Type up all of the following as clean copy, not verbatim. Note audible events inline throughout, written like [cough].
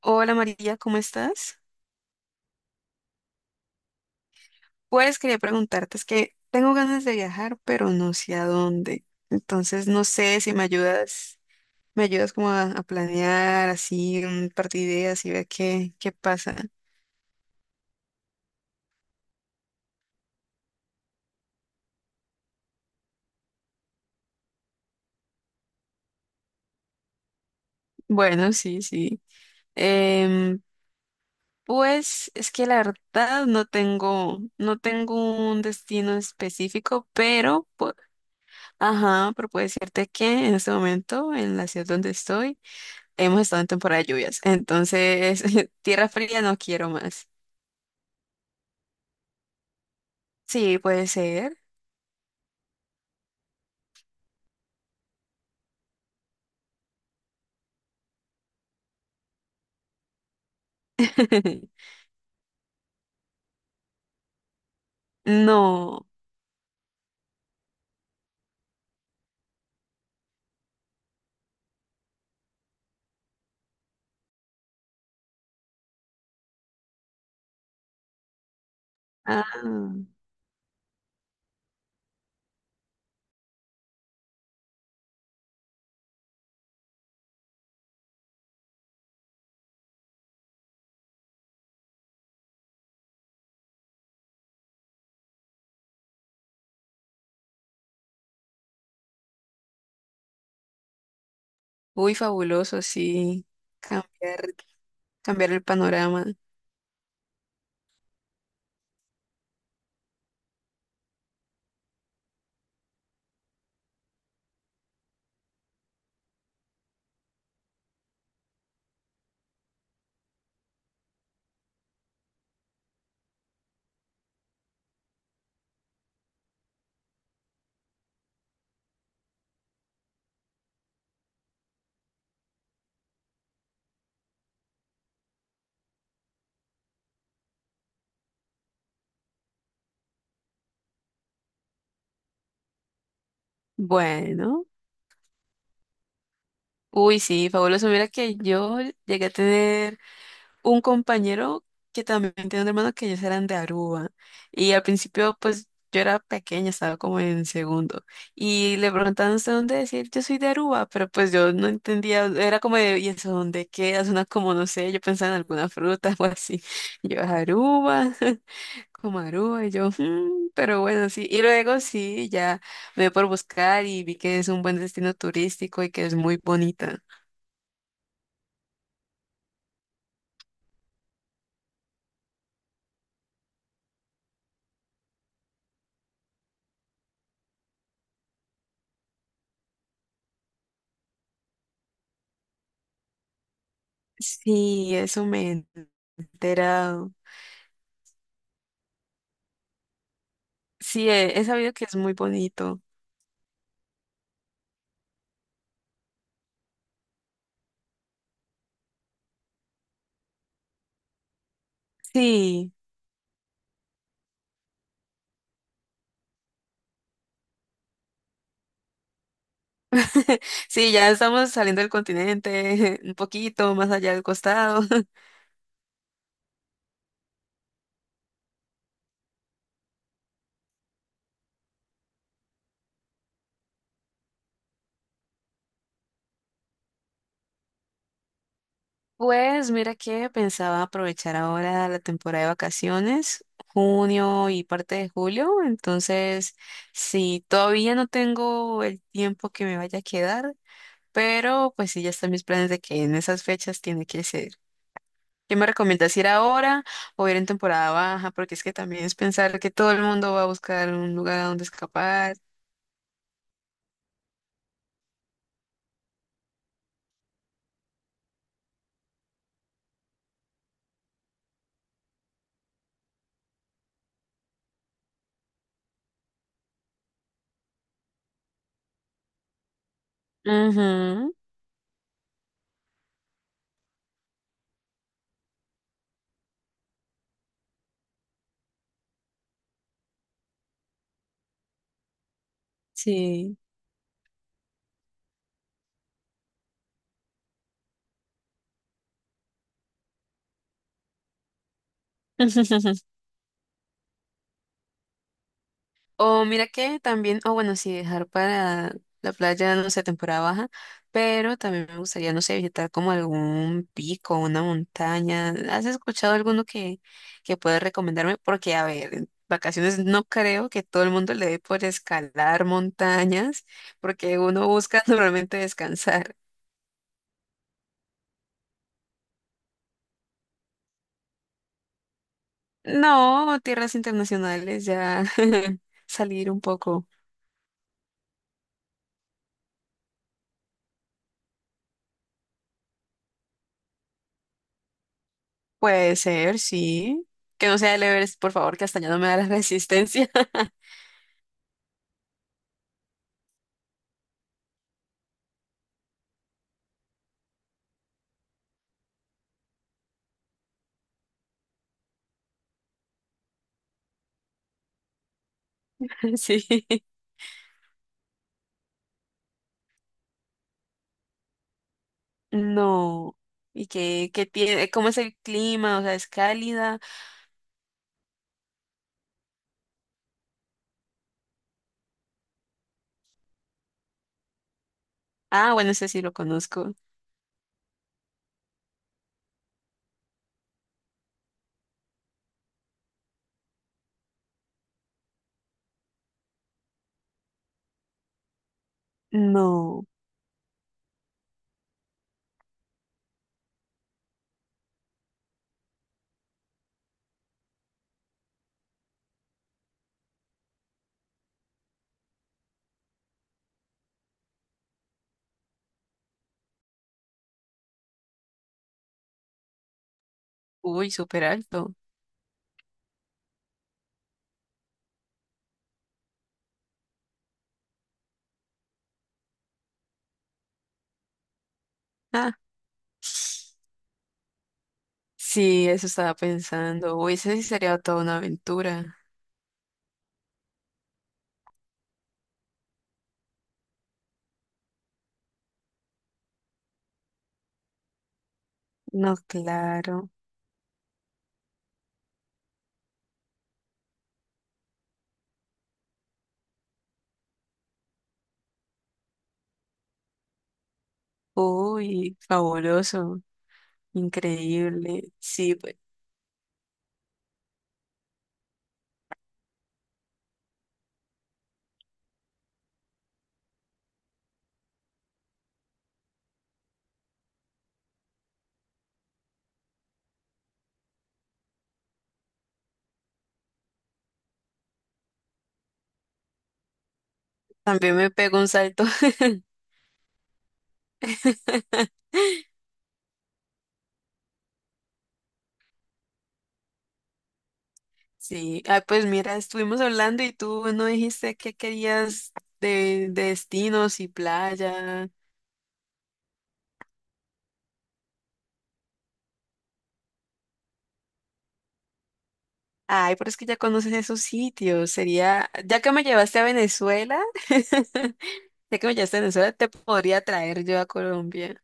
Hola María, ¿cómo estás? Pues quería preguntarte, es que tengo ganas de viajar, pero no sé a dónde. Entonces no sé si me ayudas, me ayudas como a planear así un par de ideas y ver qué pasa. Bueno, sí, sí. Em, pues es que la verdad no tengo un destino específico, ajá, pero puedo decirte que en este momento, en la ciudad donde estoy, hemos estado en temporada de lluvias, entonces [laughs] tierra fría no quiero más. Sí, puede ser. [laughs] No. Ah, uy, fabuloso, sí. Cambiar, cambiar el panorama. Bueno. Uy, sí, fabuloso. Mira que yo llegué a tener un compañero que también tenía un hermano que ellos eran de Aruba. Y al principio, pues yo era pequeña, estaba como en segundo. Y le preguntaban, ¿usted dónde decir? Yo soy de Aruba, pero pues yo no entendía, era como de, ¿y eso dónde queda? Una como, no sé, yo pensaba en alguna fruta [laughs] o así. Y yo, Aruba, [laughs] como Aruba, y yo, "Mm", pero bueno, sí. Y luego sí, ya me dio por buscar y vi que es un buen destino turístico y que es muy bonita. Sí, eso me he enterado. Sí, he sabido que es muy bonito. Sí, [laughs] sí, ya estamos saliendo del continente, [laughs] un poquito más allá del costado. [laughs] Pues mira que pensaba aprovechar ahora la temporada de vacaciones, junio y parte de julio, entonces sí, todavía no tengo el tiempo que me vaya a quedar, pero pues sí, ya están mis planes de que en esas fechas tiene que ser. ¿Qué me recomiendas ir ahora o ir en temporada baja? Porque es que también es pensar que todo el mundo va a buscar un lugar a donde escapar. Ujú, sí. [laughs] O mira que también, o bueno, sí, dejar para la playa, no sé, temporada baja, pero también me gustaría, no sé, visitar como algún pico, una montaña. ¿Has escuchado alguno que puedes recomendarme? Porque, a ver, en vacaciones no creo que todo el mundo le dé por escalar montañas, porque uno busca [laughs] normalmente descansar. No, tierras internacionales, ya [laughs] salir un poco. Puede ser, sí. Que no sea el Everest, por favor, que hasta ya no me da la [laughs] resistencia. [laughs] Sí. No. ¿Y qué tiene? ¿Cómo es el clima? O sea, ¿es cálida? Ah, bueno, ese sí lo conozco. No. Uy, súper alto. Ah. Sí, eso estaba pensando. Uy, ese sí sería toda una aventura. No, claro. Uy, fabuloso. Increíble. Sí, pues. También me pego un salto. [laughs] Sí, ah, pues mira, estuvimos hablando y tú no dijiste qué querías de destinos y playa. Ay, pero es que ya conoces esos sitios. Sería, ya que me llevaste a Venezuela, [laughs] ya que me llevaste a Venezuela, te podría traer yo a Colombia.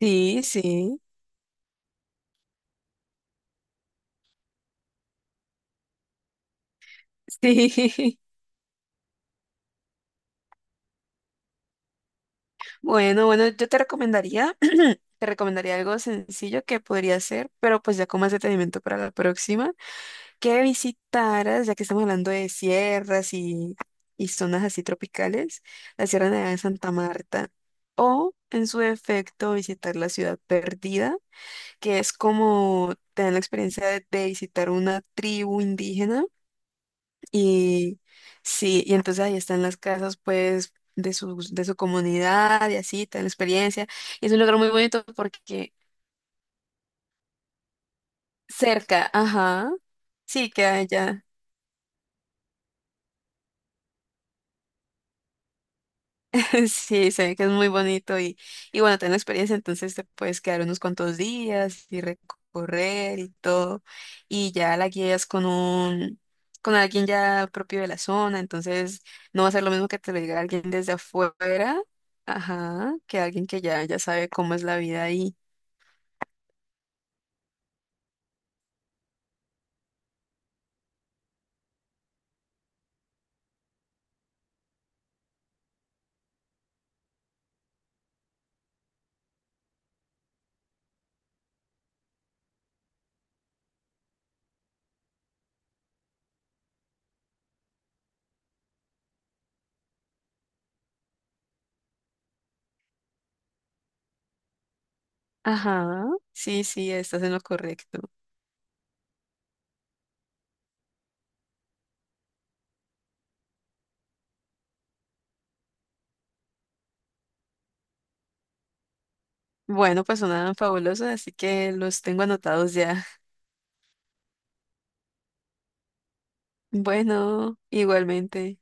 Sí, sí, sí. [laughs] Bueno, bueno, yo te recomendaría, [clears throat] te recomendaría algo sencillo que podría hacer, pero pues ya con más detenimiento para la próxima, que visitaras, ya que estamos hablando de sierras y zonas así tropicales, la Sierra Nevada de Santa Marta, o en su defecto visitar la Ciudad Perdida, que es como te dan la experiencia de visitar una tribu indígena y sí, y entonces ahí están las casas pues de su comunidad y así, te dan la experiencia. Y es un lugar muy bonito porque cerca, ajá, sí, queda allá. [laughs] Sí, se ve que es muy bonito y bueno, tengo experiencia, entonces te puedes quedar unos cuantos días y recorrer y todo, y ya la guías con alguien ya propio de la zona, entonces no va a ser lo mismo que te lo diga alguien desde afuera, ajá, que alguien que ya sabe cómo es la vida ahí. Ajá, sí, sí, estás en lo correcto. Bueno, pues sonaban fabulosos, así que los tengo anotados ya. [laughs] Bueno, igualmente.